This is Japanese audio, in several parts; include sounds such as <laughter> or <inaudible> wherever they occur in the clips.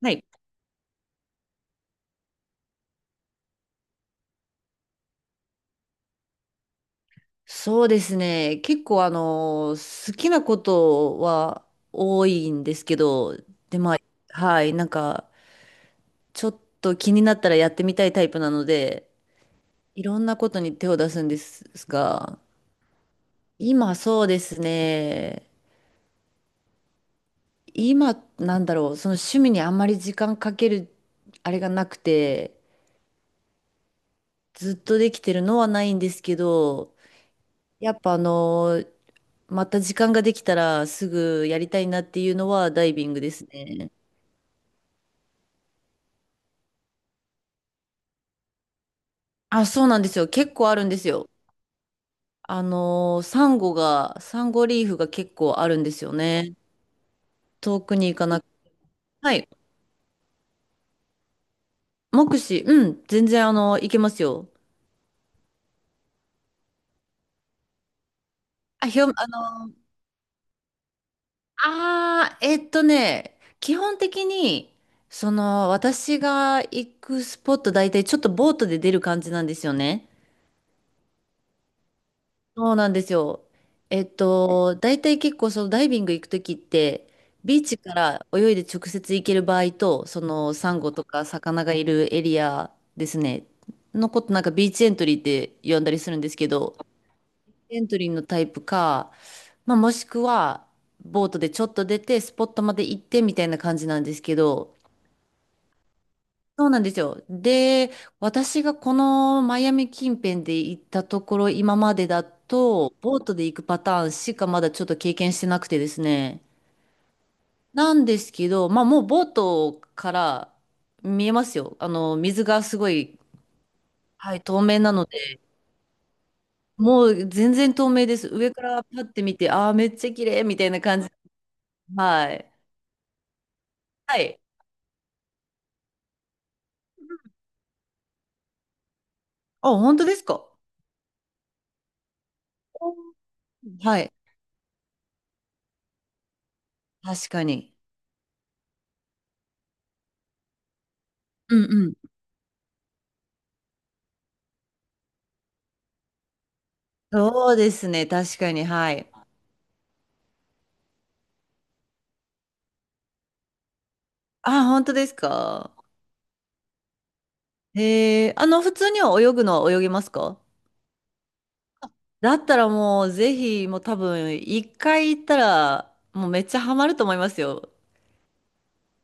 はい。そうですね。結構好きなことは多いんですけど、で、まあ、はい、ちょっと気になったらやってみたいタイプなので、いろんなことに手を出すんですが、今そうですね。今、その趣味にあんまり時間かける、あれがなくて、ずっとできてるのはないんですけど、やっぱまた時間ができたらすぐやりたいなっていうのはダイビングですね。あ、そうなんですよ。結構あるんですよ。サンゴリーフが結構あるんですよね。遠くに行かなく。はい。目視、うん、全然行けますよ。あ、ひょ、あのーあー、えっとね、基本的に、私が行くスポット大体ちょっとボートで出る感じなんですよね。そうなんですよ。大体結構そのダイビング行くときって、ビーチから泳いで直接行ける場合と、そのサンゴとか魚がいるエリアですね、のことなんかビーチエントリーって呼んだりするんですけど、エントリーのタイプか、まあ、もしくはボートでちょっと出てスポットまで行ってみたいな感じなんですけど、そうなんですよ。で、私がこのマイアミ近辺で行ったところ、今までだと、ボートで行くパターンしかまだちょっと経験してなくてですね。なんですけど、まあもうボートから見えますよ。水がすごい、はい、透明なので、もう全然透明です。上からパッて見て、ああ、めっちゃ綺麗みたいな感じ。はい。はい。あ、本当ですか？おー、はい。確かに。うんうん。そうですね。確かに。はい。あ、本当ですか？へえー、普通には泳ぐのは泳げますか？だったらもう、ぜひ、もう多分、一回行ったら、もうめっちゃハマると思いますよ。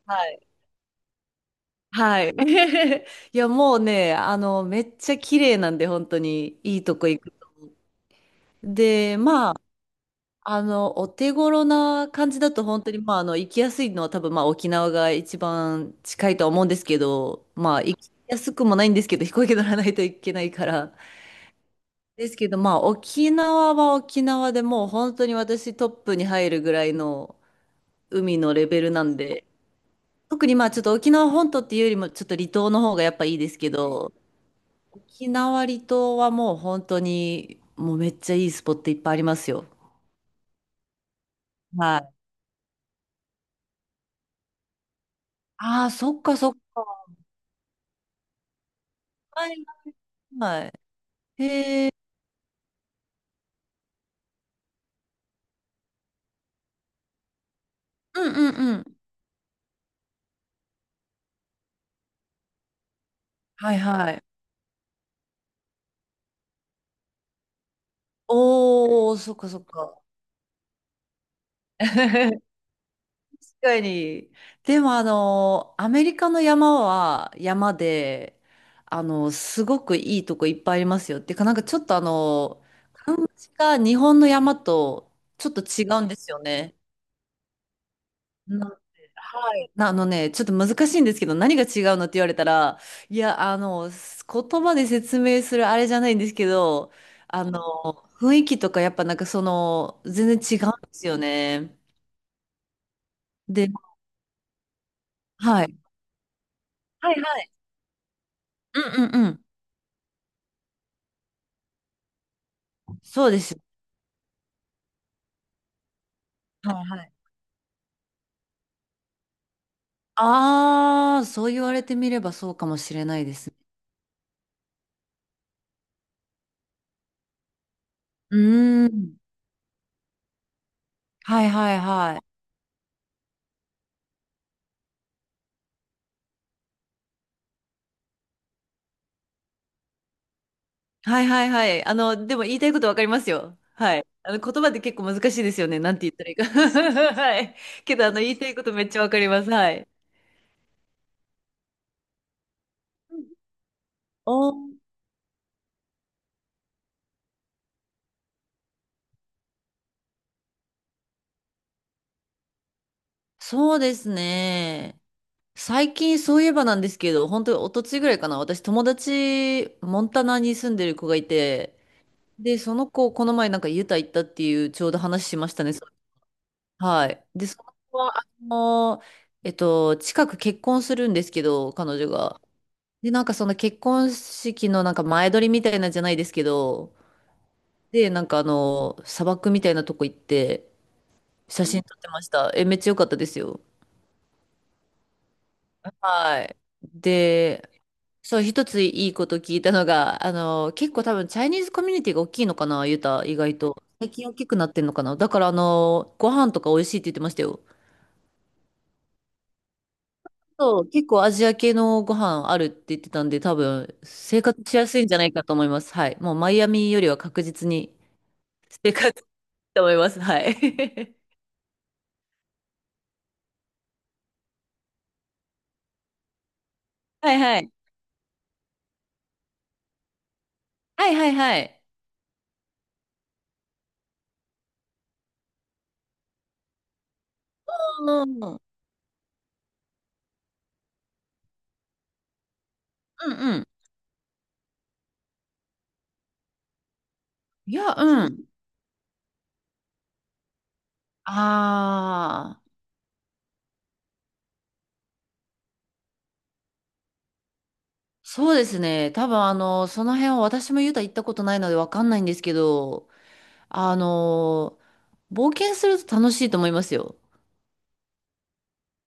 はい。はい。<laughs> いや、もうね、めっちゃ綺麗なんで、本当に、いいとこ行く。で、まあ、お手頃な感じだと、本当に、まあ、行きやすいのは多分、まあ、沖縄が一番近いとは思うんですけど、まあ、行きやすくもないんですけど、飛行機乗らないといけないから、ですけど、まあ、沖縄は沖縄でもう本当に私トップに入るぐらいの海のレベルなんで、特にまあちょっと沖縄本島っていうよりもちょっと離島の方がやっぱいいですけど、沖縄離島はもう本当にもうめっちゃいいスポットいっぱいありますよ。はい。ああ、そっかそっか。はいはい。うんうんうん。はいはい。おー、そっかそっか。<laughs> 確かに。でもアメリカの山は山で、すごくいいとこいっぱいありますよ。っていうか、なんかちょっと感じが日本の山とちょっと違うんですよね。な、はい。なあのね、ちょっと難しいんですけど、何が違うのって言われたら、いや、言葉で説明するあれじゃないんですけど、あの、雰囲気とかやっぱなんかその、全然違うんですよね。で、はい。はいはい。うんうんうん。そうです。はいはい。ああ、そう言われてみればそうかもしれないですね。うーん。はいはいはい。はいはいはい。でも言いたいことわかりますよ。はい。言葉って結構難しいですよね。なんて言ったらいいか。<laughs> はい。けど、言いたいことめっちゃわかります。はい。お、そうですね。最近そういえばなんですけど、本当に一昨日ぐらいかな。私、友達、モンタナに住んでる子がいて、で、その子、この前なんかユタ行ったっていう、ちょうど話しましたね。はい。で、その子は、近く結婚するんですけど、彼女が。で、なんかその結婚式のなんか前撮りみたいなんじゃないですけど、で、なんか砂漠みたいなとこ行って、写真撮ってました。え、めっちゃ良かったですよ。はい。で、そう、一ついいこと聞いたのが、結構多分チャイニーズコミュニティが大きいのかな、ユタ、意外と。最近大きくなってんのかな。だからご飯とか美味しいって言ってましたよ。そう、結構アジア系のご飯あるって言ってたんで、多分生活しやすいんじゃないかと思います。はい。もうマイアミよりは確実に生活いいと思います。はい。<laughs> はいはい。はいはいはい。うんうんうん。いや、うん。ああ、そうですね。多分その辺は私もユタ行ったことないのでわかんないんですけど、あの、冒険すると楽しいと思いますよ。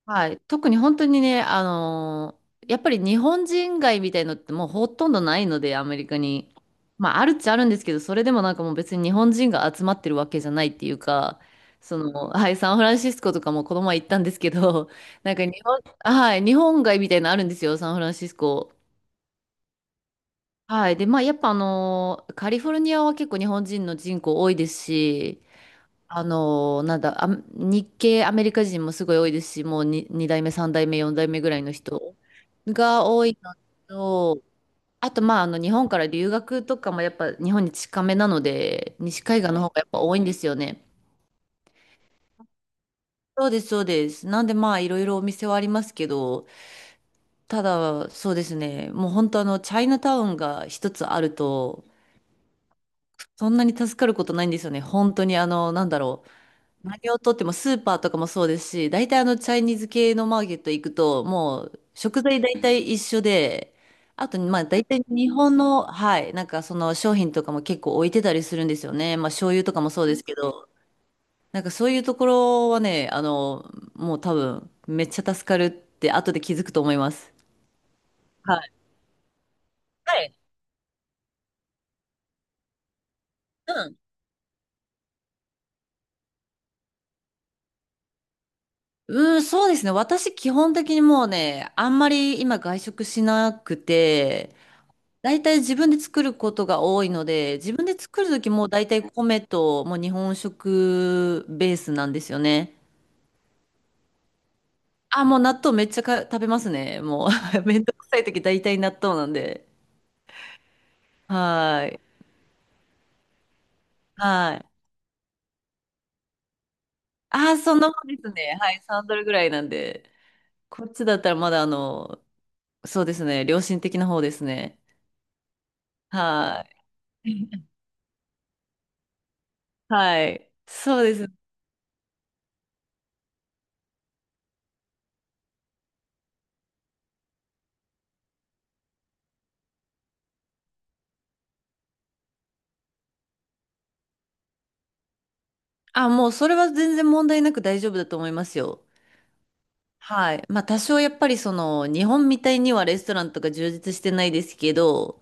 はい。特に本当にね、やっぱり日本人街みたいのってもうほとんどないので、アメリカに。まあ、あるっちゃあるんですけど、それでもなんかもう別に日本人が集まってるわけじゃないっていうか、はい、サンフランシスコとかもこの前行ったんですけど、<laughs> なんか日本、はい、日本街みたいなのあるんですよ、サンフランシスコ。はい。で、まあ、やっぱカリフォルニアは結構日本人の人口多いですし、あのなんだ、あ、日系アメリカ人もすごい多いですし、もう2代目、3代目、4代目ぐらいの人が多いのと、あと、まあ、日本から留学とかもやっぱ日本に近めなので、西海岸の方がやっぱ多いんですよね。そうです、そうです。なんで、まあ、いろいろお店はありますけど、ただ、そうですね、もう本当、チャイナタウンが一つあると、そんなに助かることないんですよね。本当に、何をとってもスーパーとかもそうですし、大体チャイニーズ系のマーケット行くと、もう食材大体一緒で、あと、まあ大体日本の、はい、なんかその商品とかも結構置いてたりするんですよね。まあ醤油とかもそうですけど、なんかそういうところはね、もう多分めっちゃ助かるって後で気づくと思います。はい。はい。うん。うん、そうですね。私基本的にもうね、あんまり今外食しなくて、大体自分で作ることが多いので、自分で作るときも大体米ともう日本食ベースなんですよね。あ、もう納豆めっちゃか食べますね。もう <laughs> めんどくさいとき大体納豆なんで。はい。はい。あ、そんなもんですね。はい。3ドルぐらいなんで。こっちだったらまだそうですね。良心的な方ですね。はい。<laughs> はい。そうです。あ、もうそれは全然問題なく大丈夫だと思いますよ。はい。まあ多少やっぱりその日本みたいにはレストランとか充実してないですけど、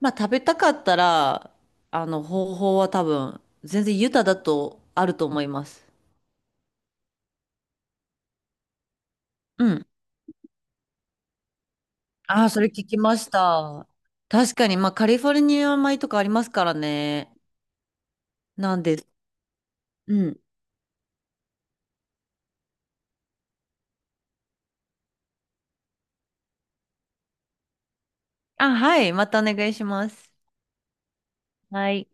まあ食べたかったら、方法は多分全然豊だとあると思います。うん。ああ、それ聞きました。確かに、まあカリフォルニア米とかありますからね。なんです。うん。あ、はい。またお願いします。はい。